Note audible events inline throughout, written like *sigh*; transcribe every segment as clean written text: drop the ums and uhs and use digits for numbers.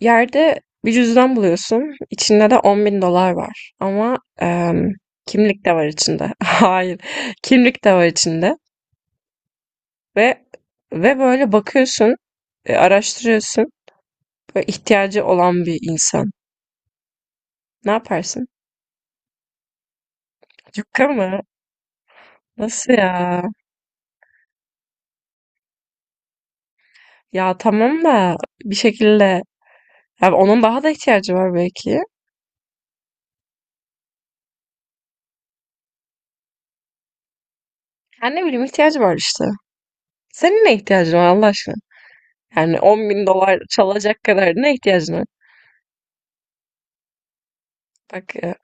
Yerde bir cüzdan buluyorsun. İçinde de 10.000 dolar var. Ama kimlik de var içinde. *laughs* Hayır. Kimlik de var içinde. Ve ve böyle bakıyorsun, araştırıyorsun. Böyle ihtiyacı olan bir insan. Ne yaparsın? Cukka mı? Nasıl ya? Ya tamam da bir şekilde. Ya onun daha da ihtiyacı var belki. Ya ne bileyim ihtiyacı var işte. Senin ne ihtiyacın var Allah aşkına? Yani 10.000 dolar çalacak kadar ne ihtiyacın var? Bak.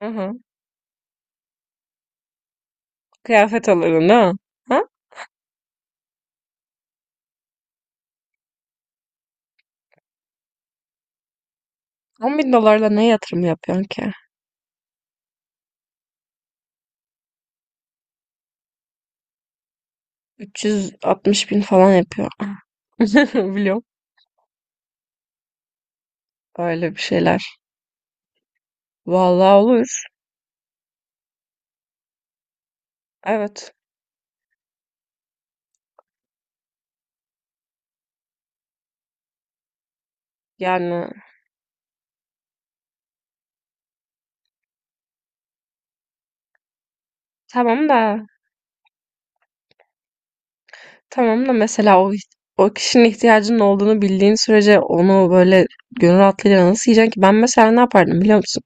Hı hı. Kıyafet alırdın değil mi? Ha? 10 bin dolarla ne yatırım yapıyorsun ki? 360 bin falan yapıyor. *laughs* Biliyorum. Öyle bir şeyler. Vallahi olur. Evet. Yani tamam da tamam da mesela o kişinin ihtiyacının olduğunu bildiğin sürece onu böyle gönül rahatlığıyla nasıl yiyeceksin ki? Ben mesela ne yapardım biliyor musun?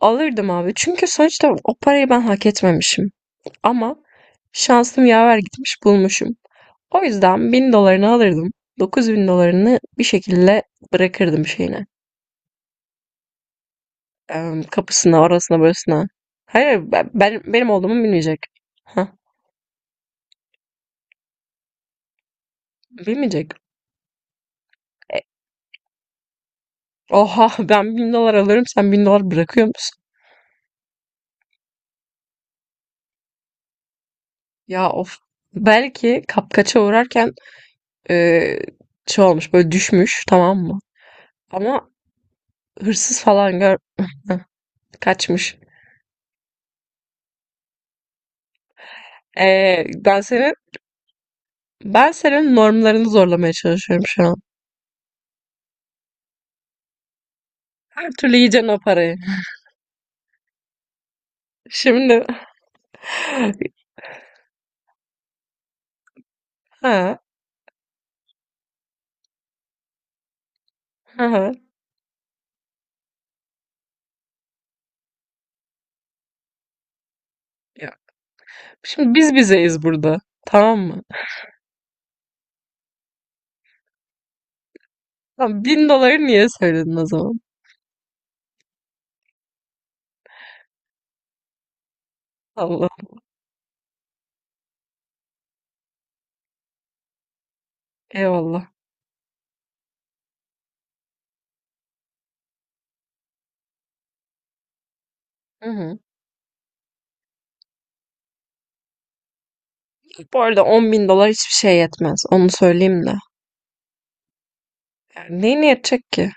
Alırdım abi. Çünkü sonuçta o parayı ben hak etmemişim. Ama şansım yaver gitmiş bulmuşum. O yüzden 1.000 dolarını alırdım. 9.000 dolarını bir şekilde bırakırdım şeyine. Kapısına, orasına, burasına. Hayır, benim olduğumu bilmeyecek. Hah, bilmeyecek. Oha, *laughs* ben 1.000 dolar alıyorum, sen 1.000 dolar bırakıyor musun? Ya of. Belki kapkaça uğrarken e, şey olmuş, böyle düşmüş, tamam mı? Ama hırsız falan gör *laughs* kaçmış. E, ben senin ben senin normlarını zorlamaya çalışıyorum şu an. Her türlü yiyeceksin o parayı. *laughs* Şimdi. Ha, hı hı. Ya, şimdi biz bizeyiz burada. Tamam mı? Tamam, 1.000 doları niye söyledin o zaman? Allah. Eyvallah. Hı hı. Bu arada 10.000 dolar hiçbir şey yetmez. Onu söyleyeyim de. Yani neyine yetecek ki?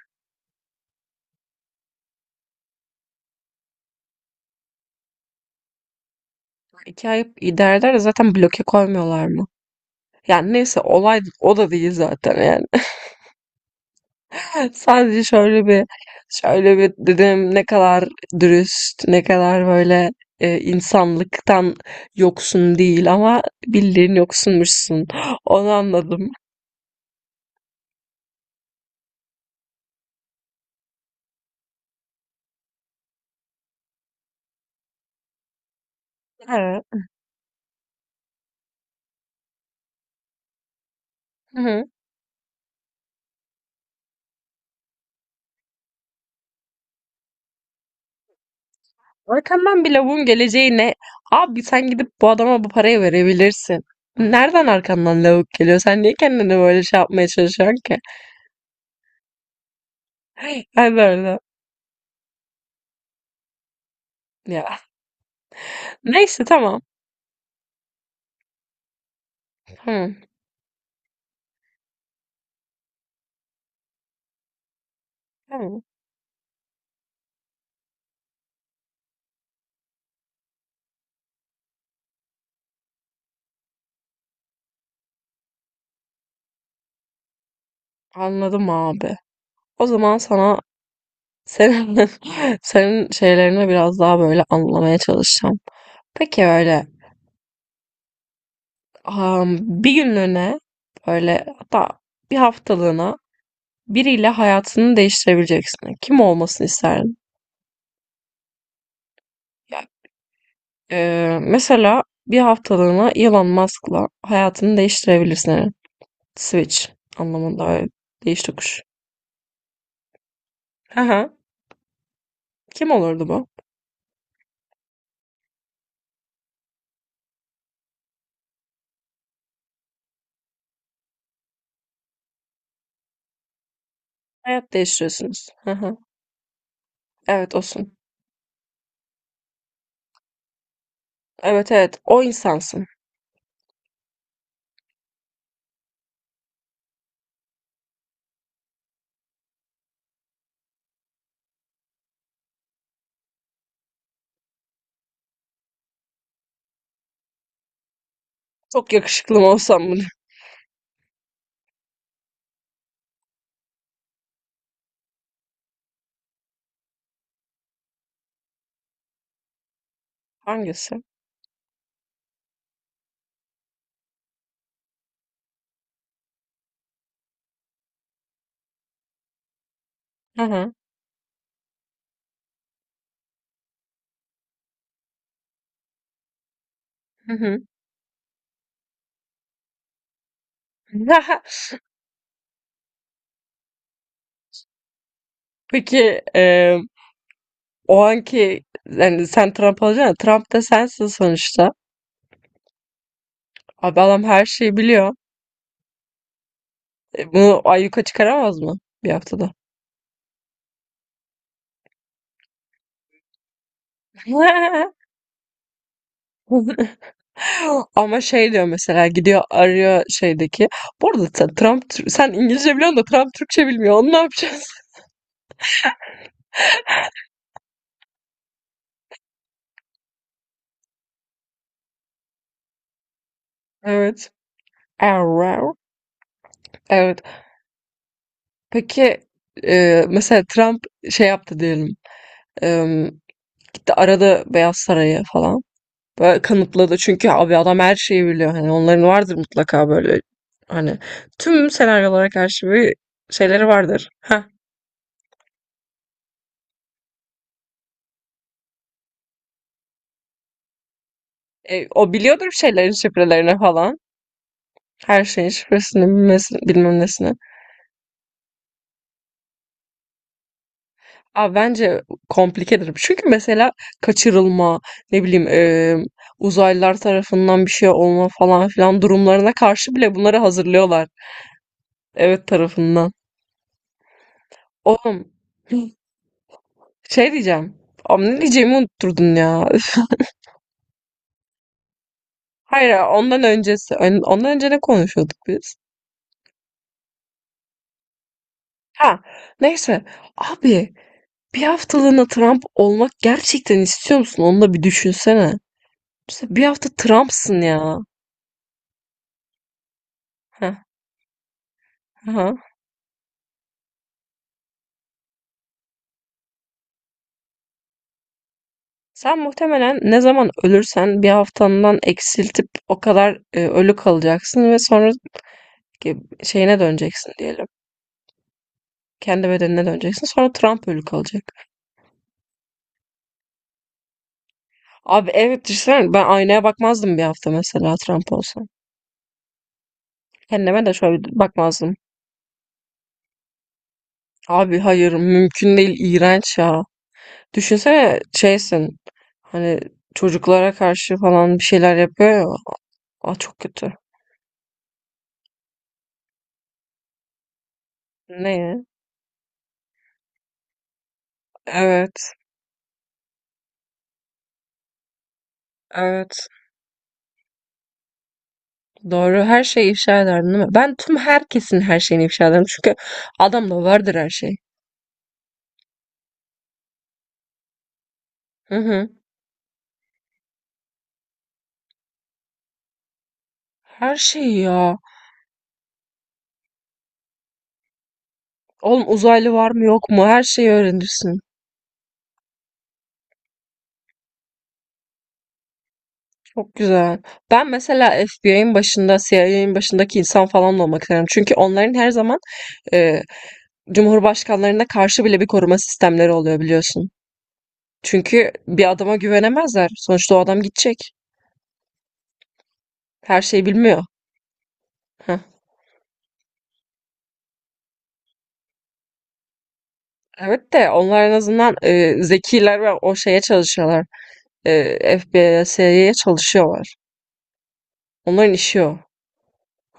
2 ay idare eder de zaten bloke koymuyorlar mı? Yani neyse olay o da değil zaten yani. *laughs* Sadece şöyle bir dedim ne kadar dürüst, ne kadar böyle insanlıktan yoksun değil ama bildiğin yoksunmuşsun. *gasps* Onu anladım. Ha, hı hı. Arkandan bir lavuğun geleceğine abi sen gidip bu adama bu parayı verebilirsin. Nereden arkandan lavuk geliyor? Sen niye kendini böyle şey yapmaya çalışıyorsun ki? Ben de öyle. Ya. *laughs* Neyse tamam. Tamam. Tamam. Anladım abi. O zaman sana senin, *laughs* senin şeylerini biraz daha böyle anlamaya çalışacağım. Peki öyle am, bir günlüğüne böyle hatta bir haftalığına biriyle hayatını değiştirebileceksin. Kim olmasını isterdin? Mesela bir haftalığına Elon Musk'la hayatını değiştirebilirsin. Eren. Switch anlamında evet. Değiş tokuş. Hı hı. Kim olurdu bu? Hayat değiştiriyorsunuz. Hı hı. Evet olsun. Evet, evet, o insansın. Çok yakışıklı mı olsam bunu? *laughs* Hangisi? Hı hı. Hı hı. *laughs* Peki o anki yani sen Trump olacaksın. Trump da sensin sonuçta. Abi adam her şeyi biliyor. Bunu ayyuka çıkaramaz mı bir haftada? *laughs* Ama şey diyor mesela gidiyor arıyor şeydeki. Bu arada sen İngilizce biliyorsun da Trump Türkçe bilmiyor. Onu ne yapacağız? *laughs* Evet. Error. Evet. Peki mesela Trump şey yaptı diyelim. E, gitti aradı Beyaz Saray'ı falan. Böyle kanıtladı çünkü abi adam her şeyi biliyor. Hani onların vardır mutlaka böyle hani tüm senaryolara karşı bir şeyleri vardır. Ha. O biliyordur bir şeylerin şifrelerini falan. Her şeyin şifresini bilmesi, bilmem nesini. Abi bence komplikedir. Çünkü mesela kaçırılma, ne bileyim uzaylılar tarafından bir şey olma falan filan durumlarına karşı bile bunları hazırlıyorlar. Evet tarafından. Oğlum şey diyeceğim. Abi ne diyeceğimi unutturdun ya. Hayır, hayır, ondan öncesi. Ondan önce ne konuşuyorduk biz? Ha, neyse. Abi, bir haftalığına Trump olmak gerçekten istiyor musun? Onu da bir düşünsene. Mesela bir hafta Trump'sın ya. Heh, aha. Sen muhtemelen ne zaman ölürsen bir haftandan eksiltip o kadar ölü kalacaksın ve sonra ki- şeyine döneceksin diyelim. Kendi bedenine döneceksin. Sonra Trump ölü kalacak. Abi evet düşünsene ben aynaya bakmazdım bir hafta mesela Trump olsam. Kendime de şöyle bakmazdım. Abi hayır mümkün değil iğrenç ya. Düşünsene şeysin hani çocuklara karşı falan bir şeyler yapıyor ya. Aa çok kötü. Ne? Ya? Evet, evet. Doğru. Her şeyi ifşa ederdin değil mi? Ben tüm herkesin her şeyini ifşa ederim. Çünkü adamda vardır her şey. Hı hı. Her şeyi ya. Oğlum uzaylı var mı yok mu? Her şeyi öğrenirsin. Çok güzel. Ben mesela FBI'nin başında, CIA'nin başındaki insan falan da olmak isterim. Çünkü onların her zaman e, cumhurbaşkanlarına karşı bile bir koruma sistemleri oluyor biliyorsun. Çünkü bir adama güvenemezler. Sonuçta o adam gidecek. Her şeyi bilmiyor. Heh. Evet de onlar en azından zekiler ve o şeye çalışıyorlar. FBI'ye, CIA'ye çalışıyorlar. Onların işi o.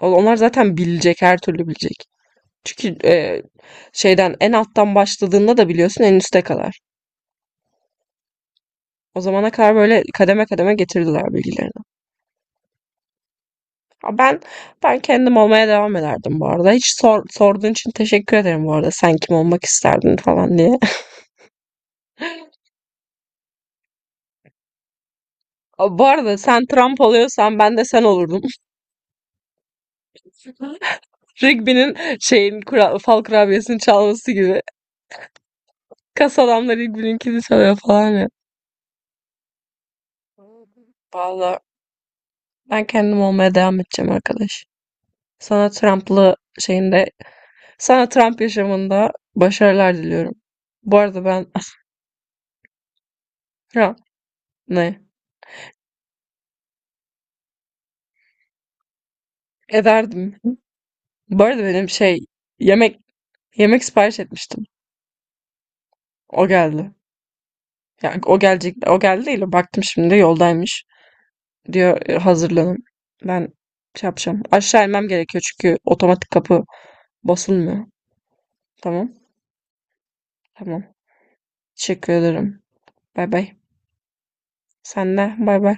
Onlar zaten bilecek, her türlü bilecek. Çünkü şeyden en alttan başladığında da biliyorsun en üste kadar. O zamana kadar böyle kademe kademe getirdiler bilgileri. Ha, ben kendim olmaya devam ederdim bu arada. Hiç sorduğun için teşekkür ederim bu arada. Sen kim olmak isterdin falan diye. *laughs* Aa, bu arada sen Trump oluyorsan ben de sen olurdum. *laughs* Rigby'nin fal kurabiyesini çalması gibi. Kas adamlar Rigby'ninkini çalıyor falan ya. Vallahi ben kendim olmaya devam edeceğim arkadaş. Sana Trump'lı şeyinde, sana Trump yaşamında başarılar diliyorum. Bu arada ben *laughs* Trump ne ederdim. Bu arada benim yemek Yemek sipariş etmiştim. O geldi. Yani o gelecek, o geldi değil. Baktım şimdi yoldaymış. Diyor "E, hazırlanın. Ben şey yapacağım. Aşağı inmem gerekiyor çünkü otomatik kapı basılmıyor. Tamam. Tamam. Teşekkür ederim. Bay bay. Sen de bay bay.